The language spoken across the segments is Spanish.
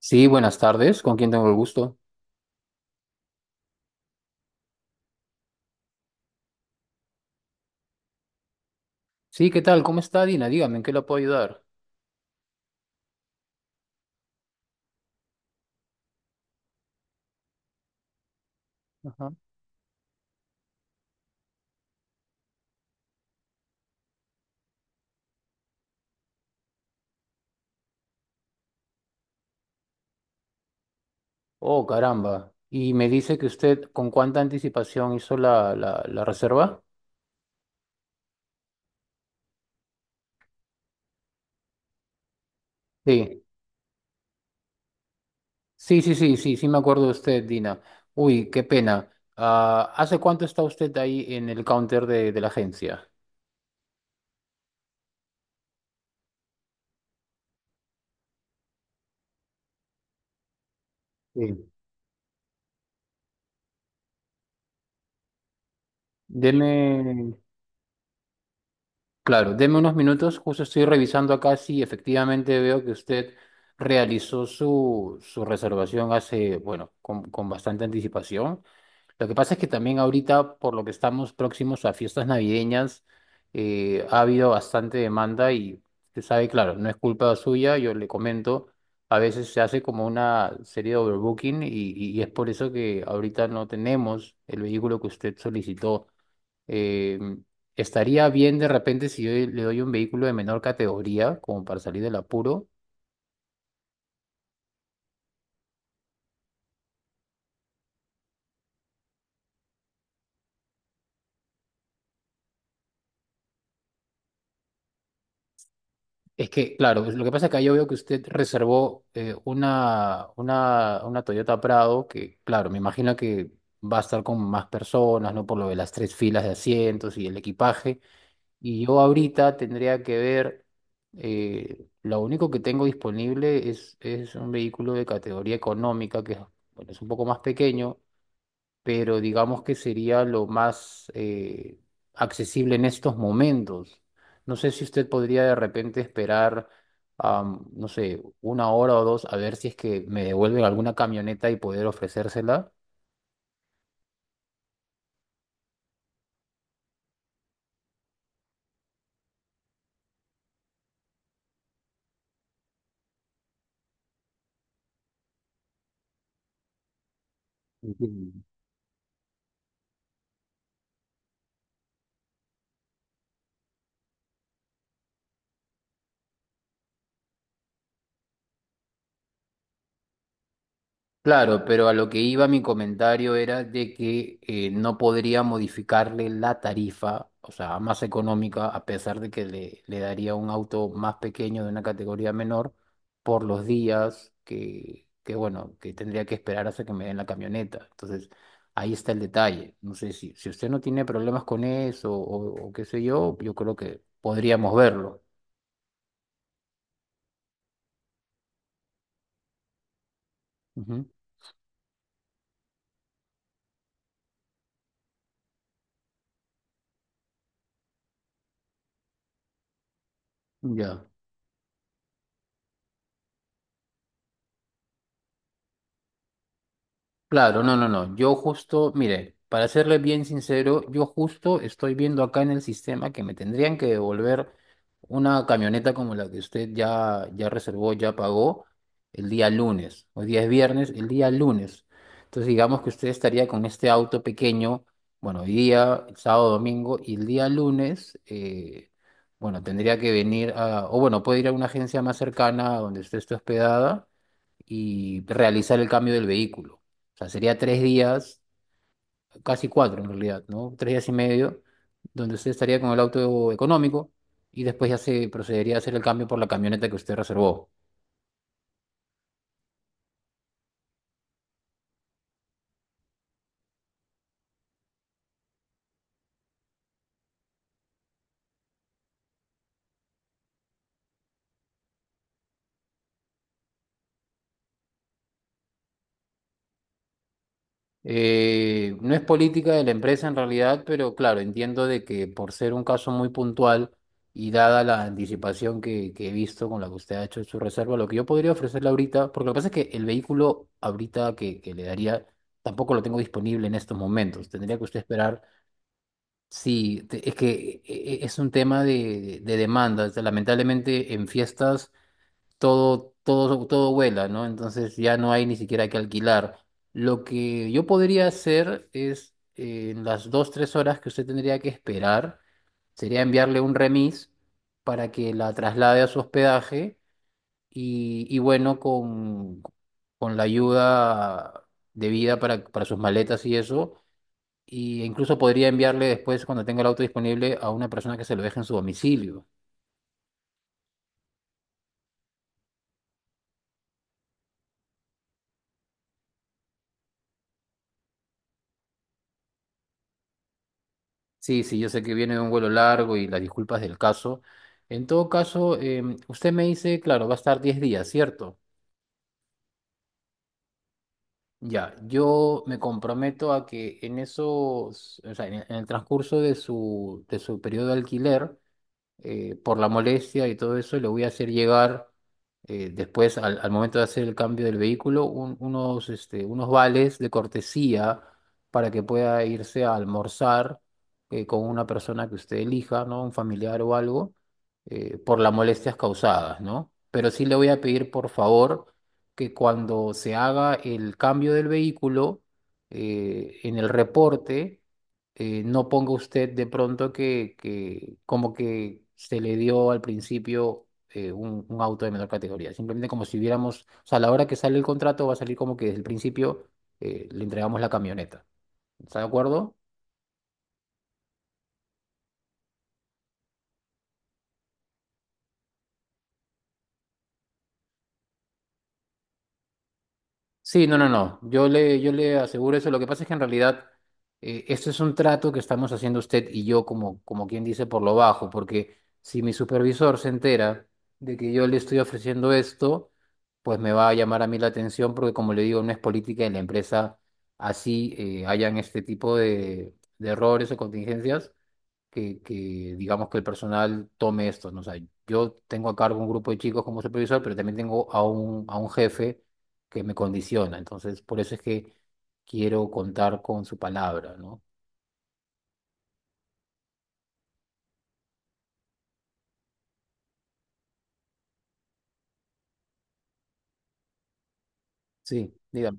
Sí, buenas tardes. ¿Con quién tengo el gusto? Sí, ¿qué tal? ¿Cómo está, Dina? Dígame, ¿en qué la puedo ayudar? Ajá. Oh, caramba. Y me dice que usted con cuánta anticipación hizo la reserva. Sí, sí, sí, sí, sí, sí me acuerdo de usted, Dina. Uy, qué pena. Ah, ¿hace cuánto está usted ahí en el counter de la agencia? Sí. Deme. Claro, deme unos minutos, justo estoy revisando acá si efectivamente veo que usted realizó su reservación hace, bueno, con bastante anticipación. Lo que pasa es que también ahorita, por lo que estamos próximos a fiestas navideñas, ha habido bastante demanda y usted sabe, claro, no es culpa suya, yo le comento, a veces se hace como una serie de overbooking y es por eso que ahorita no tenemos el vehículo que usted solicitó. Eh, Estaría bien de repente si yo le doy un vehículo de menor categoría, como para salir del apuro. Es que, claro, lo que pasa es que yo veo que usted reservó una Toyota Prado, que, claro, me imagino que va a estar con más personas, ¿no? Por lo de las tres filas de asientos y el equipaje. Y yo ahorita tendría que ver, lo único que tengo disponible es un vehículo de categoría económica, que es bueno, es un poco más pequeño pero digamos que sería lo más accesible en estos momentos. No sé si usted podría de repente esperar, no sé, una hora o dos a ver si es que me devuelven alguna camioneta y poder ofrecérsela. Entiendo. Claro, pero a lo que iba mi comentario era de que no podría modificarle la tarifa, o sea, más económica, a pesar de que le daría un auto más pequeño de una categoría menor por los días que, bueno, que tendría que esperar hasta que me den la camioneta. Entonces, ahí está el detalle. No sé si usted no tiene problemas con eso o qué sé yo, yo creo que podríamos verlo. Ujú. Ya. Claro, no, no, no. Yo justo, mire, para serle bien sincero, yo justo estoy viendo acá en el sistema que me tendrían que devolver una camioneta como la que usted ya reservó, ya pagó el día lunes. Hoy día es viernes, el día lunes. Entonces, digamos que usted estaría con este auto pequeño, bueno, hoy día, el sábado, domingo, y el día lunes, bueno, tendría que venir a, o bueno, puede ir a una agencia más cercana a donde usted esté hospedada y realizar el cambio del vehículo. O sea, sería 3 días, casi cuatro en realidad, ¿no? 3 días y medio, donde usted estaría con el auto económico y después ya se procedería a hacer el cambio por la camioneta que usted reservó. No es política de la empresa en realidad, pero claro, entiendo de que por ser un caso muy puntual y dada la anticipación que he visto con la que usted ha hecho su reserva, lo que yo podría ofrecerle ahorita, porque lo que pasa es que el vehículo ahorita que le daría tampoco lo tengo disponible en estos momentos, tendría que usted esperar. Sí, es que es un tema de demanda, o sea, lamentablemente en fiestas todo, todo, todo vuela, ¿no? Entonces ya no hay ni siquiera que alquilar. Lo que yo podría hacer es, en las dos, tres horas que usted tendría que esperar, sería enviarle un remis para que la traslade a su hospedaje y bueno, con la ayuda debida para sus maletas y eso. Y incluso podría enviarle después, cuando tenga el auto disponible, a una persona que se lo deje en su domicilio. Sí, sí, yo sé que viene de un vuelo largo y las disculpas del caso. En todo caso, usted me dice, claro, va a estar 10 días, ¿cierto? Ya, yo me comprometo a que en esos, o sea, en el transcurso de su periodo de alquiler, por la molestia y todo eso, le voy a hacer llegar después, al momento de hacer el cambio del vehículo, unos vales de cortesía para que pueda irse a almorzar con una persona que usted elija, ¿no? Un familiar o algo, por las molestias causadas, ¿no? Pero sí le voy a pedir, por favor, que cuando se haga el cambio del vehículo, en el reporte, no ponga usted de pronto que como que se le dio al principio un auto de menor categoría. Simplemente como si hubiéramos, o sea, a la hora que sale el contrato va a salir como que desde el principio le entregamos la camioneta. ¿Está de acuerdo? Sí, no, no, no. Yo le aseguro eso. Lo que pasa es que en realidad esto es un trato que estamos haciendo usted y yo, como, como quien dice, por lo bajo, porque si mi supervisor se entera de que yo le estoy ofreciendo esto, pues me va a llamar a mí la atención, porque como le digo, no es política de la empresa así hayan este tipo de errores o contingencias que digamos que el personal tome esto, ¿no? O sea, yo tengo a cargo un grupo de chicos como supervisor, pero también tengo a un jefe que me condiciona. Entonces, por eso es que quiero contar con su palabra, ¿no? Sí, dígame.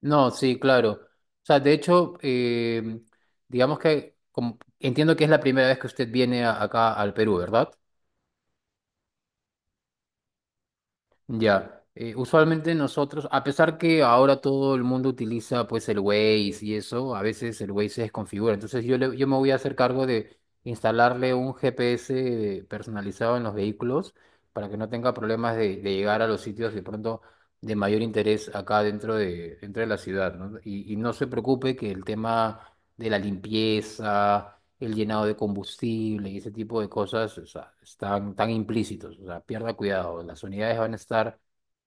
No, sí, claro. O sea, de hecho, digamos que entiendo que es la primera vez que usted viene acá al Perú, ¿verdad? Ya, usualmente nosotros, a pesar que ahora todo el mundo utiliza pues el Waze y eso, a veces el Waze se desconfigura. Entonces yo me voy a hacer cargo de instalarle un GPS personalizado en los vehículos para que no tenga problemas de llegar a los sitios de pronto de mayor interés acá dentro de la ciudad, ¿no? Y no se preocupe que el tema de la limpieza el llenado de combustible y ese tipo de cosas, o sea, están tan implícitos, o sea, pierda cuidado, las unidades van a estar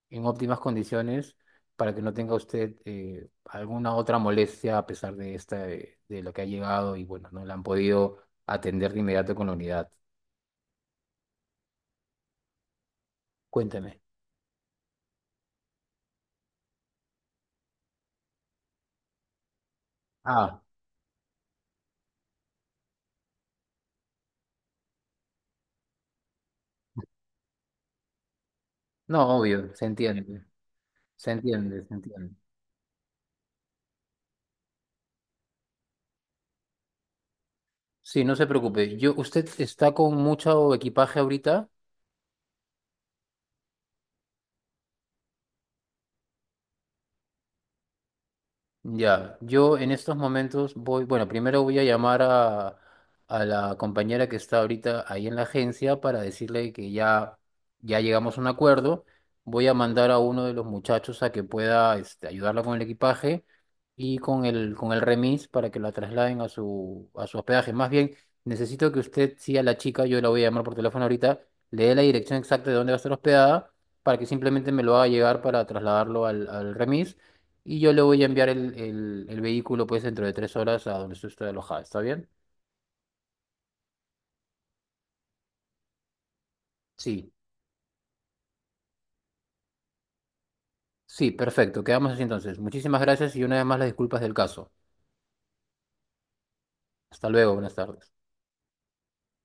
en óptimas condiciones para que no tenga usted alguna otra molestia a pesar de esta, de lo que ha llegado y bueno, no la han podido atender de inmediato con la unidad. Cuénteme. Ah, no, obvio, se entiende, se entiende, se entiende. Sí, no se preocupe. Yo, ¿usted está con mucho equipaje ahorita? Ya, yo en estos momentos voy, bueno, primero voy a llamar a la compañera que está ahorita ahí en la agencia para decirle que ya llegamos a un acuerdo. Voy a mandar a uno de los muchachos a que pueda ayudarla con el equipaje y con el remis para que la trasladen a su hospedaje. Más bien, necesito que usted, sí, a la chica, yo la voy a llamar por teléfono ahorita, le dé la dirección exacta de dónde va a estar hospedada para que simplemente me lo haga llegar para trasladarlo al remis y yo le voy a enviar el vehículo pues dentro de 3 horas a donde estoy alojada. ¿Está bien? Sí, sí, perfecto. Quedamos así entonces. Muchísimas gracias y una vez más las disculpas del caso. Hasta luego, buenas tardes.